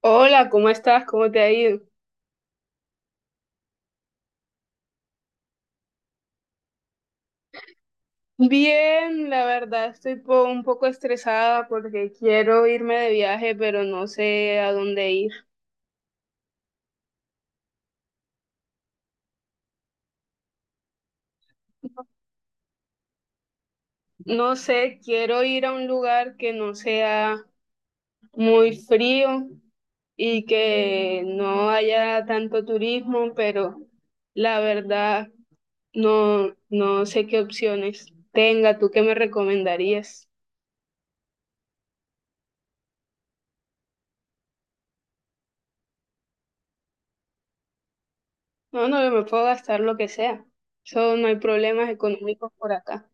Hola, ¿cómo estás? ¿Cómo te ha ido? Bien, la verdad estoy un poco estresada porque quiero irme de viaje, pero no sé a dónde ir. No sé, quiero ir a un lugar que no sea muy frío y que no haya tanto turismo, pero la verdad no, no sé qué opciones tenga. ¿Tú qué me recomendarías? No, no, yo me puedo gastar lo que sea. Eso no hay problemas económicos por acá.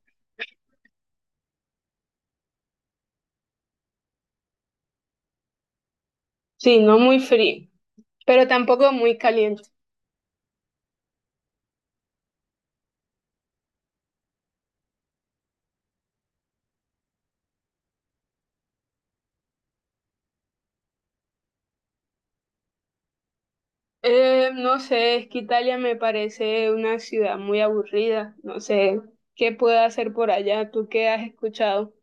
Sí, no muy frío, pero tampoco muy caliente. No sé, es que Italia me parece una ciudad muy aburrida. No sé qué puedo hacer por allá, tú qué has escuchado.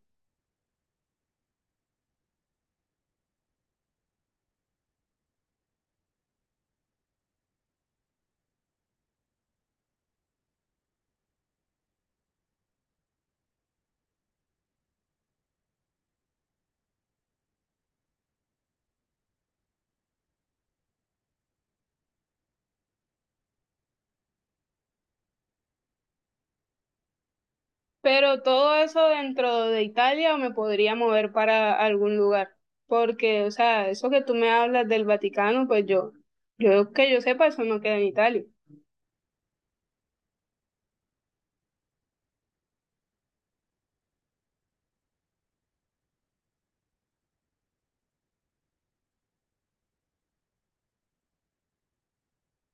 Pero todo eso dentro de Italia o me podría mover para algún lugar. Porque, o sea, eso que tú me hablas del Vaticano, pues yo que yo sepa, eso no queda en Italia.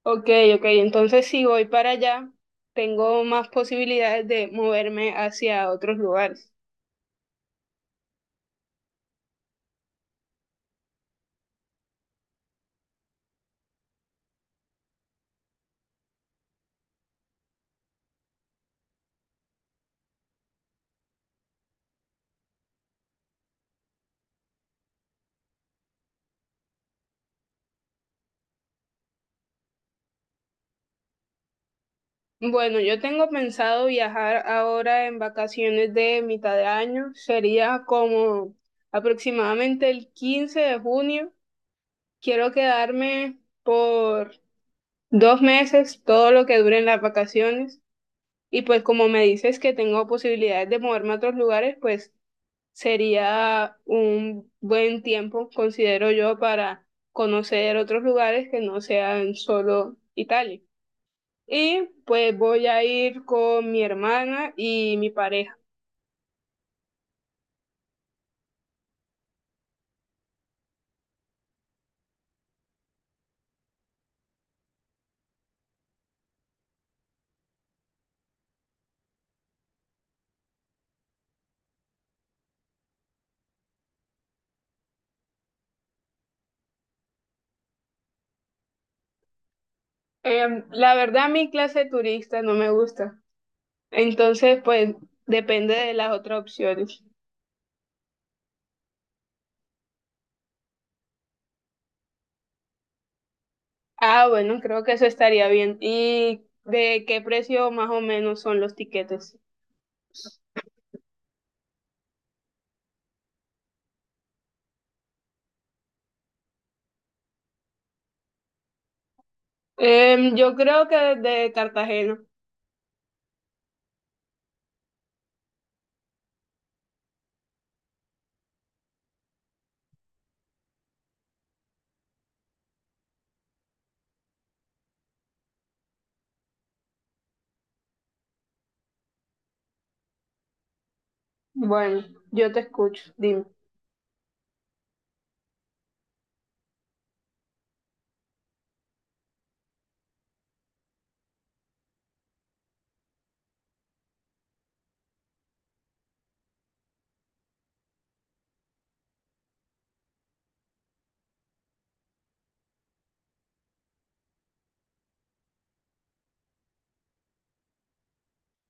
Ok, ok, entonces si voy para allá, tengo más posibilidades de moverme hacia otros lugares. Bueno, yo tengo pensado viajar ahora en vacaciones de mitad de año. Sería como aproximadamente el 15 de junio. Quiero quedarme por 2 meses, todo lo que duren las vacaciones. Y pues como me dices que tengo posibilidades de moverme a otros lugares, pues sería un buen tiempo, considero yo, para conocer otros lugares que no sean solo Italia. Y pues voy a ir con mi hermana y mi pareja. La verdad, mi clase de turista no me gusta. Entonces, pues depende de las otras opciones. Ah, bueno, creo que eso estaría bien. ¿Y de qué precio más o menos son los tiquetes? Yo creo que de Cartagena. Bueno, yo te escucho, dime.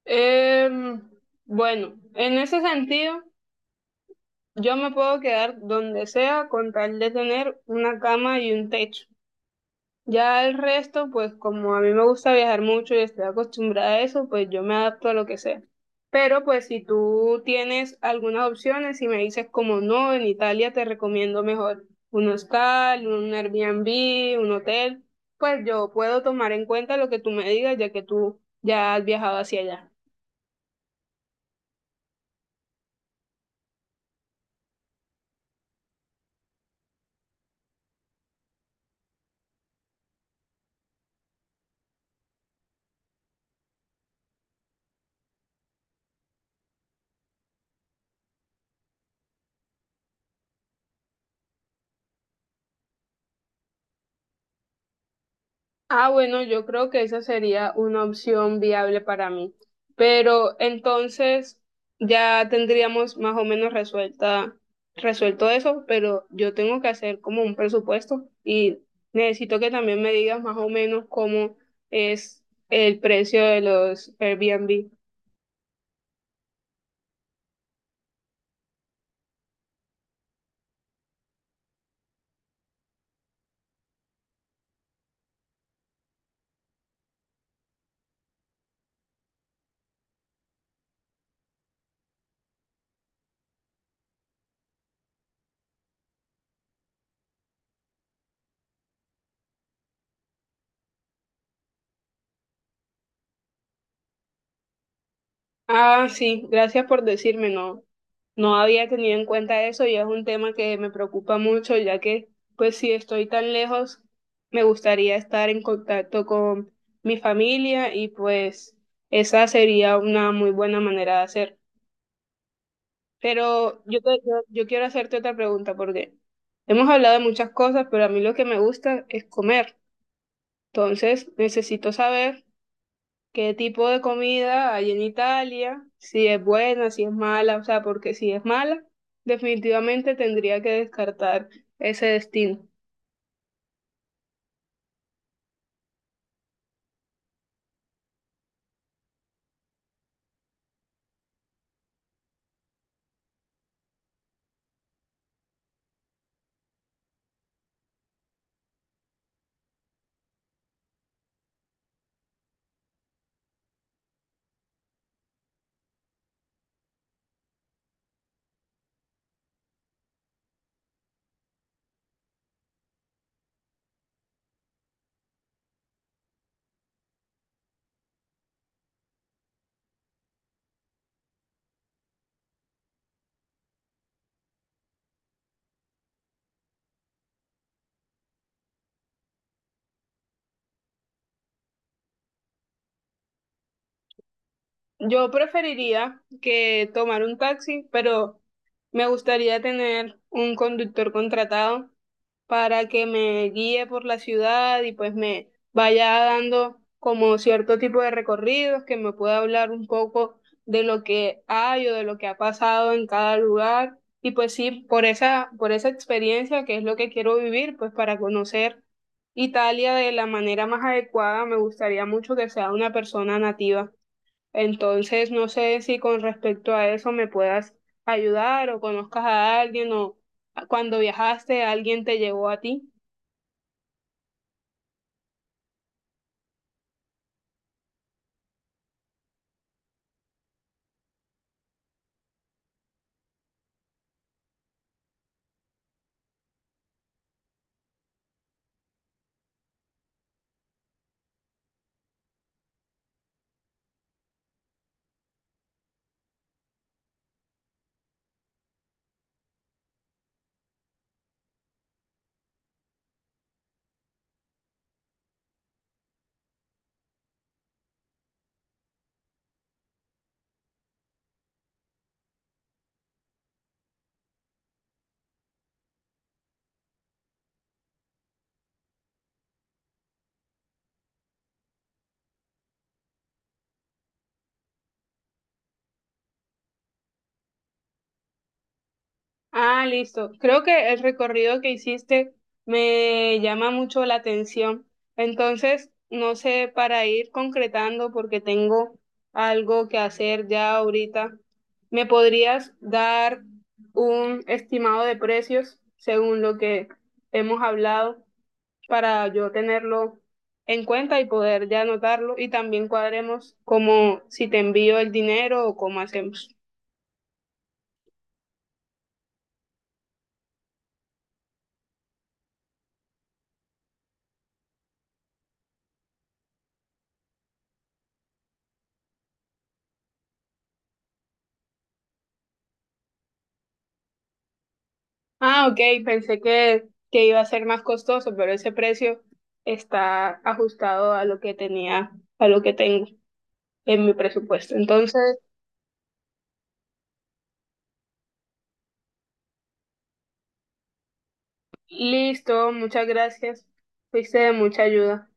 Em, bueno, en ese sentido, yo me puedo quedar donde sea con tal de tener una cama y un techo. Ya el resto, pues como a mí me gusta viajar mucho y estoy acostumbrada a eso, pues yo me adapto a lo que sea. Pero pues si tú tienes algunas opciones y me dices como no, en Italia te recomiendo mejor un hostal, un Airbnb, un hotel, pues yo puedo tomar en cuenta lo que tú me digas ya que tú ya has viajado hacia allá. Ah, bueno, yo creo que esa sería una opción viable para mí. Pero entonces ya tendríamos más o menos resuelta, resuelto eso, pero yo tengo que hacer como un presupuesto y necesito que también me digas más o menos cómo es el precio de los Airbnb. Ah, sí, gracias por decirme, no, no había tenido en cuenta eso y es un tema que me preocupa mucho, ya que pues si estoy tan lejos, me gustaría estar en contacto con mi familia y pues esa sería una muy buena manera de hacer. Pero yo, yo, quiero hacerte otra pregunta porque hemos hablado de muchas cosas, pero a mí lo que me gusta es comer. Entonces, necesito saber qué tipo de comida hay en Italia, si es buena, si es mala, o sea, porque si es mala, definitivamente tendría que descartar ese destino. Yo preferiría que tomar un taxi, pero me gustaría tener un conductor contratado para que me guíe por la ciudad y pues me vaya dando como cierto tipo de recorridos, que me pueda hablar un poco de lo que hay o de lo que ha pasado en cada lugar. Y pues sí, por esa experiencia que es lo que quiero vivir, pues para conocer Italia de la manera más adecuada, me gustaría mucho que sea una persona nativa. Entonces, no sé si con respecto a eso me puedas ayudar o conozcas a alguien o cuando viajaste alguien te llevó a ti. Ah, listo. Creo que el recorrido que hiciste me llama mucho la atención. Entonces, no sé, para ir concretando, porque tengo algo que hacer ya ahorita, ¿me podrías dar un estimado de precios según lo que hemos hablado? Para yo tenerlo en cuenta y poder ya anotarlo y también cuadremos como si te envío el dinero o cómo hacemos. Ah, ok, pensé que iba a ser más costoso, pero ese precio está ajustado a lo que tenía, a lo que tengo en mi presupuesto. Entonces, listo, muchas gracias. Fuiste de mucha ayuda.